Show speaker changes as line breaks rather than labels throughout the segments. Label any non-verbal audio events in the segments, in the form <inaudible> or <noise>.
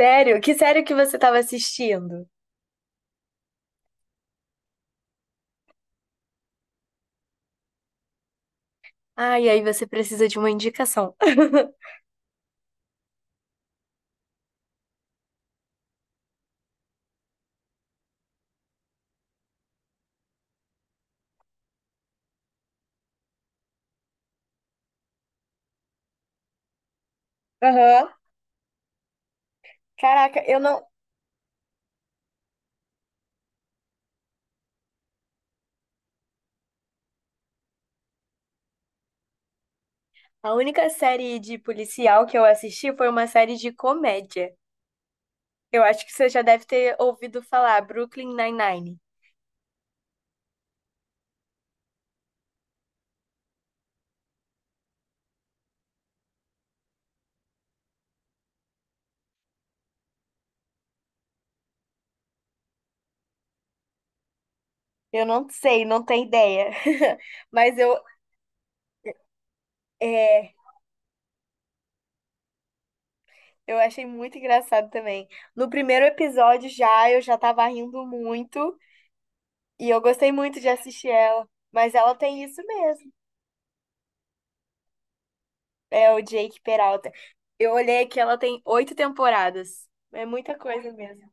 Sério? Que série que você estava assistindo? Ah, e aí você precisa de uma indicação. <laughs> Aham. Caraca, eu não. A única série de policial que eu assisti foi uma série de comédia. Eu acho que você já deve ter ouvido falar, Brooklyn Nine-Nine. Eu não sei, não tenho ideia. <laughs> Mas é, eu achei muito engraçado também. No primeiro episódio já, eu já tava rindo muito. E eu gostei muito de assistir ela. Mas ela tem isso mesmo. É o Jake Peralta. Eu olhei que ela tem oito temporadas. É muita coisa mesmo.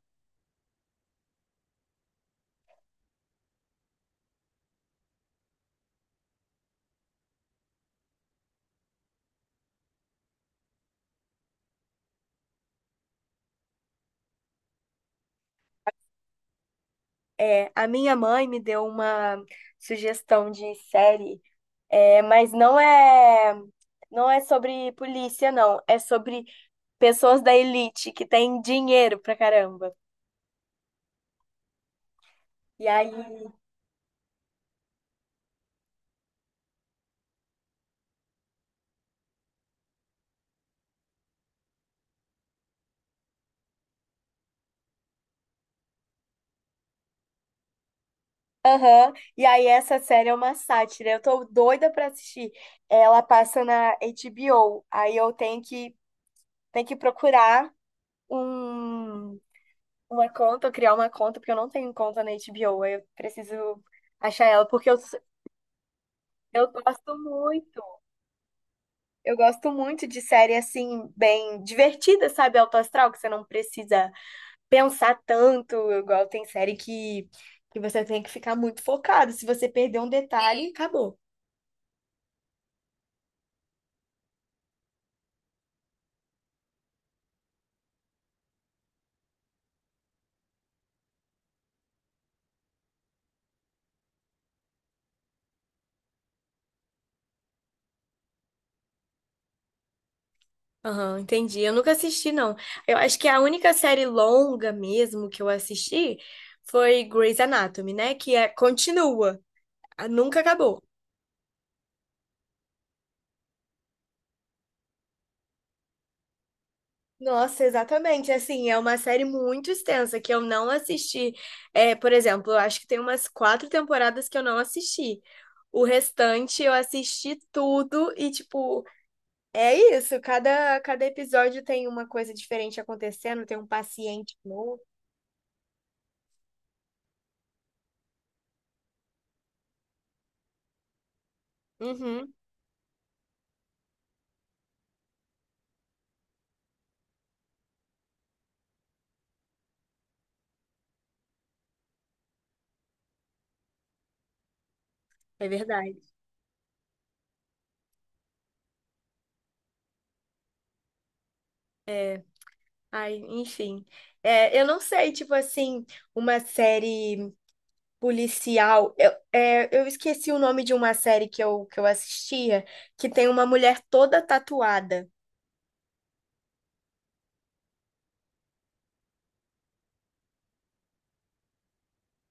É, a minha mãe me deu uma sugestão de série, mas não é sobre polícia, não. É sobre pessoas da elite que têm dinheiro pra caramba. E aí, aham, e aí essa série é uma sátira. Eu tô doida pra assistir. Ela passa na HBO. Aí tenho que procurar um uma conta, criar uma conta, porque eu não tenho conta na HBO, aí eu preciso achar ela, eu gosto muito. Eu gosto muito de série assim, bem divertida, sabe? Alto astral, que você não precisa pensar tanto, igual tem que você tem que ficar muito focado. Se você perder um detalhe, acabou. Aham, entendi. Eu nunca assisti, não. Eu acho que a única série longa mesmo que eu assisti foi Grey's Anatomy, né? Continua, nunca acabou. Nossa, exatamente. Assim, é uma série muito extensa que eu não assisti. É, por exemplo, eu acho que tem umas quatro temporadas que eu não assisti. O restante eu assisti tudo e, tipo, é isso. Cada episódio tem uma coisa diferente acontecendo, tem um paciente novo. Uhum, é verdade. É, ai, enfim. É, eu não sei, tipo assim, uma série policial. Eu esqueci o nome de uma série que eu assistia, que tem uma mulher toda tatuada.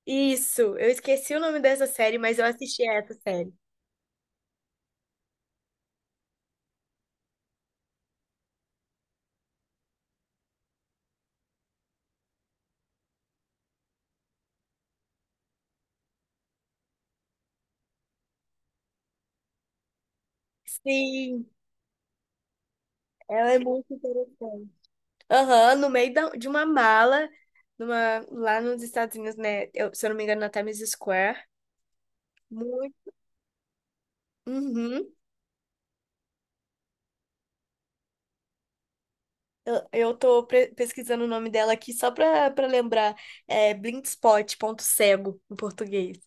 Isso, eu esqueci o nome dessa série, mas eu assisti essa série. Sim, ela é muito interessante. Aham, no meio de uma mala, numa, lá nos Estados Unidos, né? Se eu não me engano, na Times Square. Muito. Uhum. Eu tô pesquisando o nome dela aqui só pra lembrar. É Blindspot, ponto cego, em português.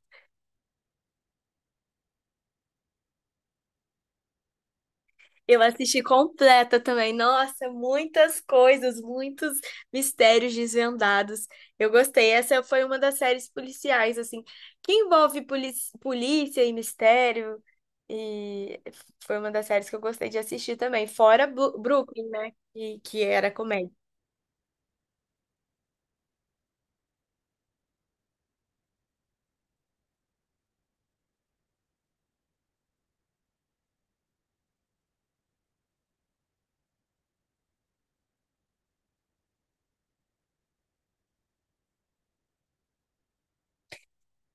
Eu assisti completa também. Nossa, muitas coisas, muitos mistérios desvendados. Eu gostei. Essa foi uma das séries policiais, assim, que envolve polícia e mistério. E foi uma das séries que eu gostei de assistir também. Fora Brooklyn, né? que era comédia.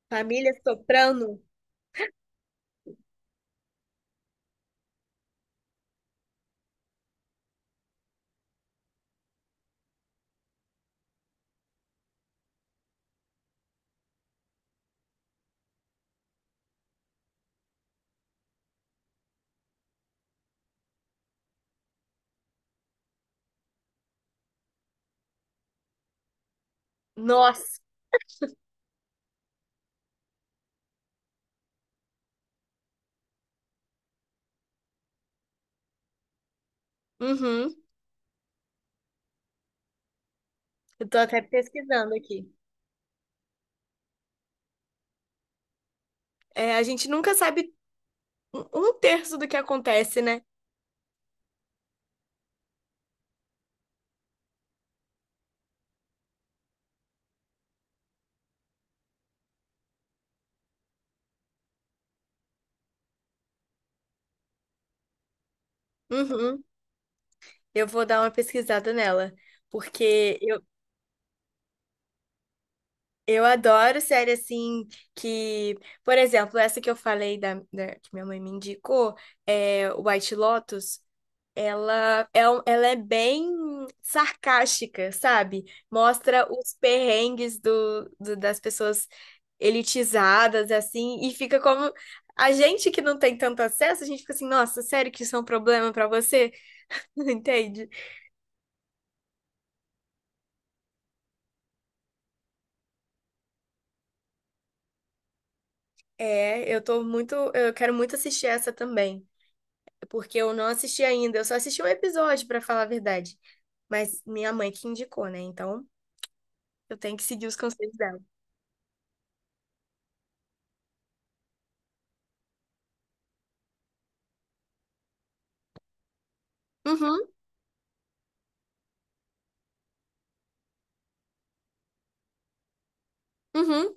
Família Soprano. Nossa. Uhum. Eu tô até pesquisando aqui. É, a gente nunca sabe um terço do que acontece, né? Uhum. Eu vou dar uma pesquisada nela, porque eu, eu adoro série assim que, por exemplo, essa que eu falei que minha mãe me indicou, é White Lotus, ela é, ela é bem sarcástica, sabe? Mostra os perrengues das pessoas elitizadas, assim, e fica como a gente que não tem tanto acesso, a gente fica assim, nossa, sério que isso é um problema pra você? <laughs> Entende? É, eu tô muito, eu quero muito assistir essa também, porque eu não assisti ainda, eu só assisti um episódio, pra falar a verdade. Mas minha mãe que indicou, né? Então, eu tenho que seguir os conselhos dela. Uhum, uhum.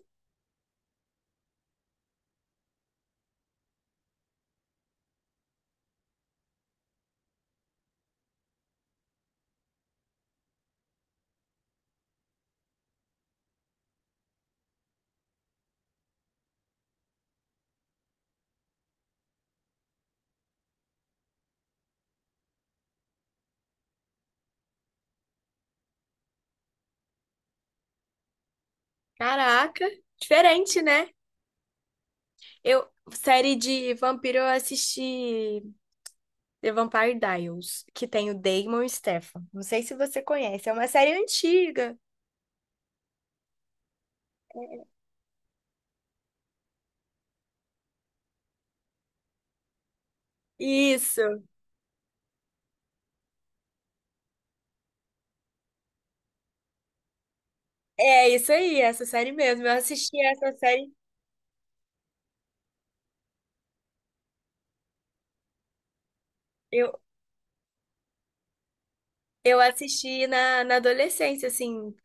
Caraca, diferente, né? Eu, série de vampiro, eu assisti The Vampire Diaries, que tem o Damon e o Stefan. Não sei se você conhece, é uma série antiga. Isso. É isso aí, essa série mesmo. Eu assisti essa série. eu Eu assisti na, na adolescência, assim,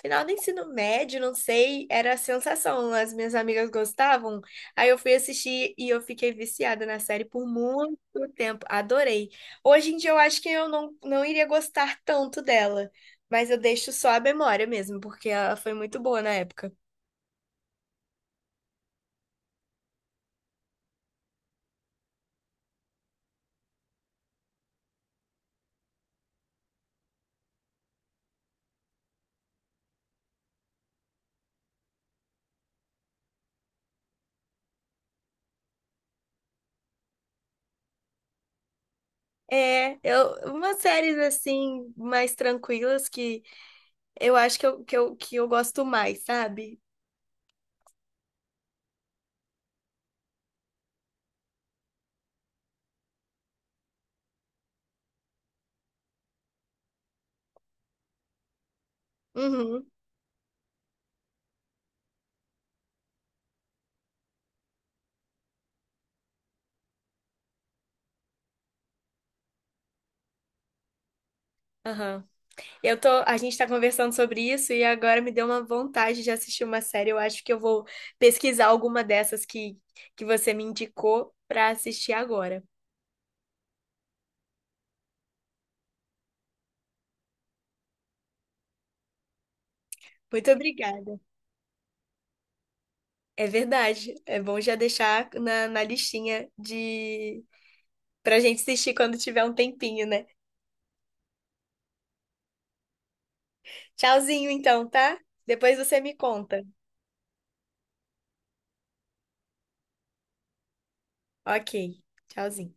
final do ensino médio, não sei, era a sensação. As minhas amigas gostavam, aí eu fui assistir e eu fiquei viciada na série por muito tempo. Adorei. Hoje em dia eu acho que eu não, não iria gostar tanto dela, mas eu deixo só a memória mesmo, porque ela foi muito boa na época. É, eu, umas séries assim, mais tranquilas que eu acho que eu, que eu, que eu gosto mais, sabe? Uhum, aham. Eu tô, a gente tá conversando sobre isso e agora me deu uma vontade de assistir uma série. Eu acho que eu vou pesquisar alguma que você me indicou pra assistir agora. Muito obrigada. É verdade. É bom já deixar na listinha de pra gente assistir quando tiver um tempinho, né? Tchauzinho então, tá? Depois você me conta. Ok. Tchauzinho.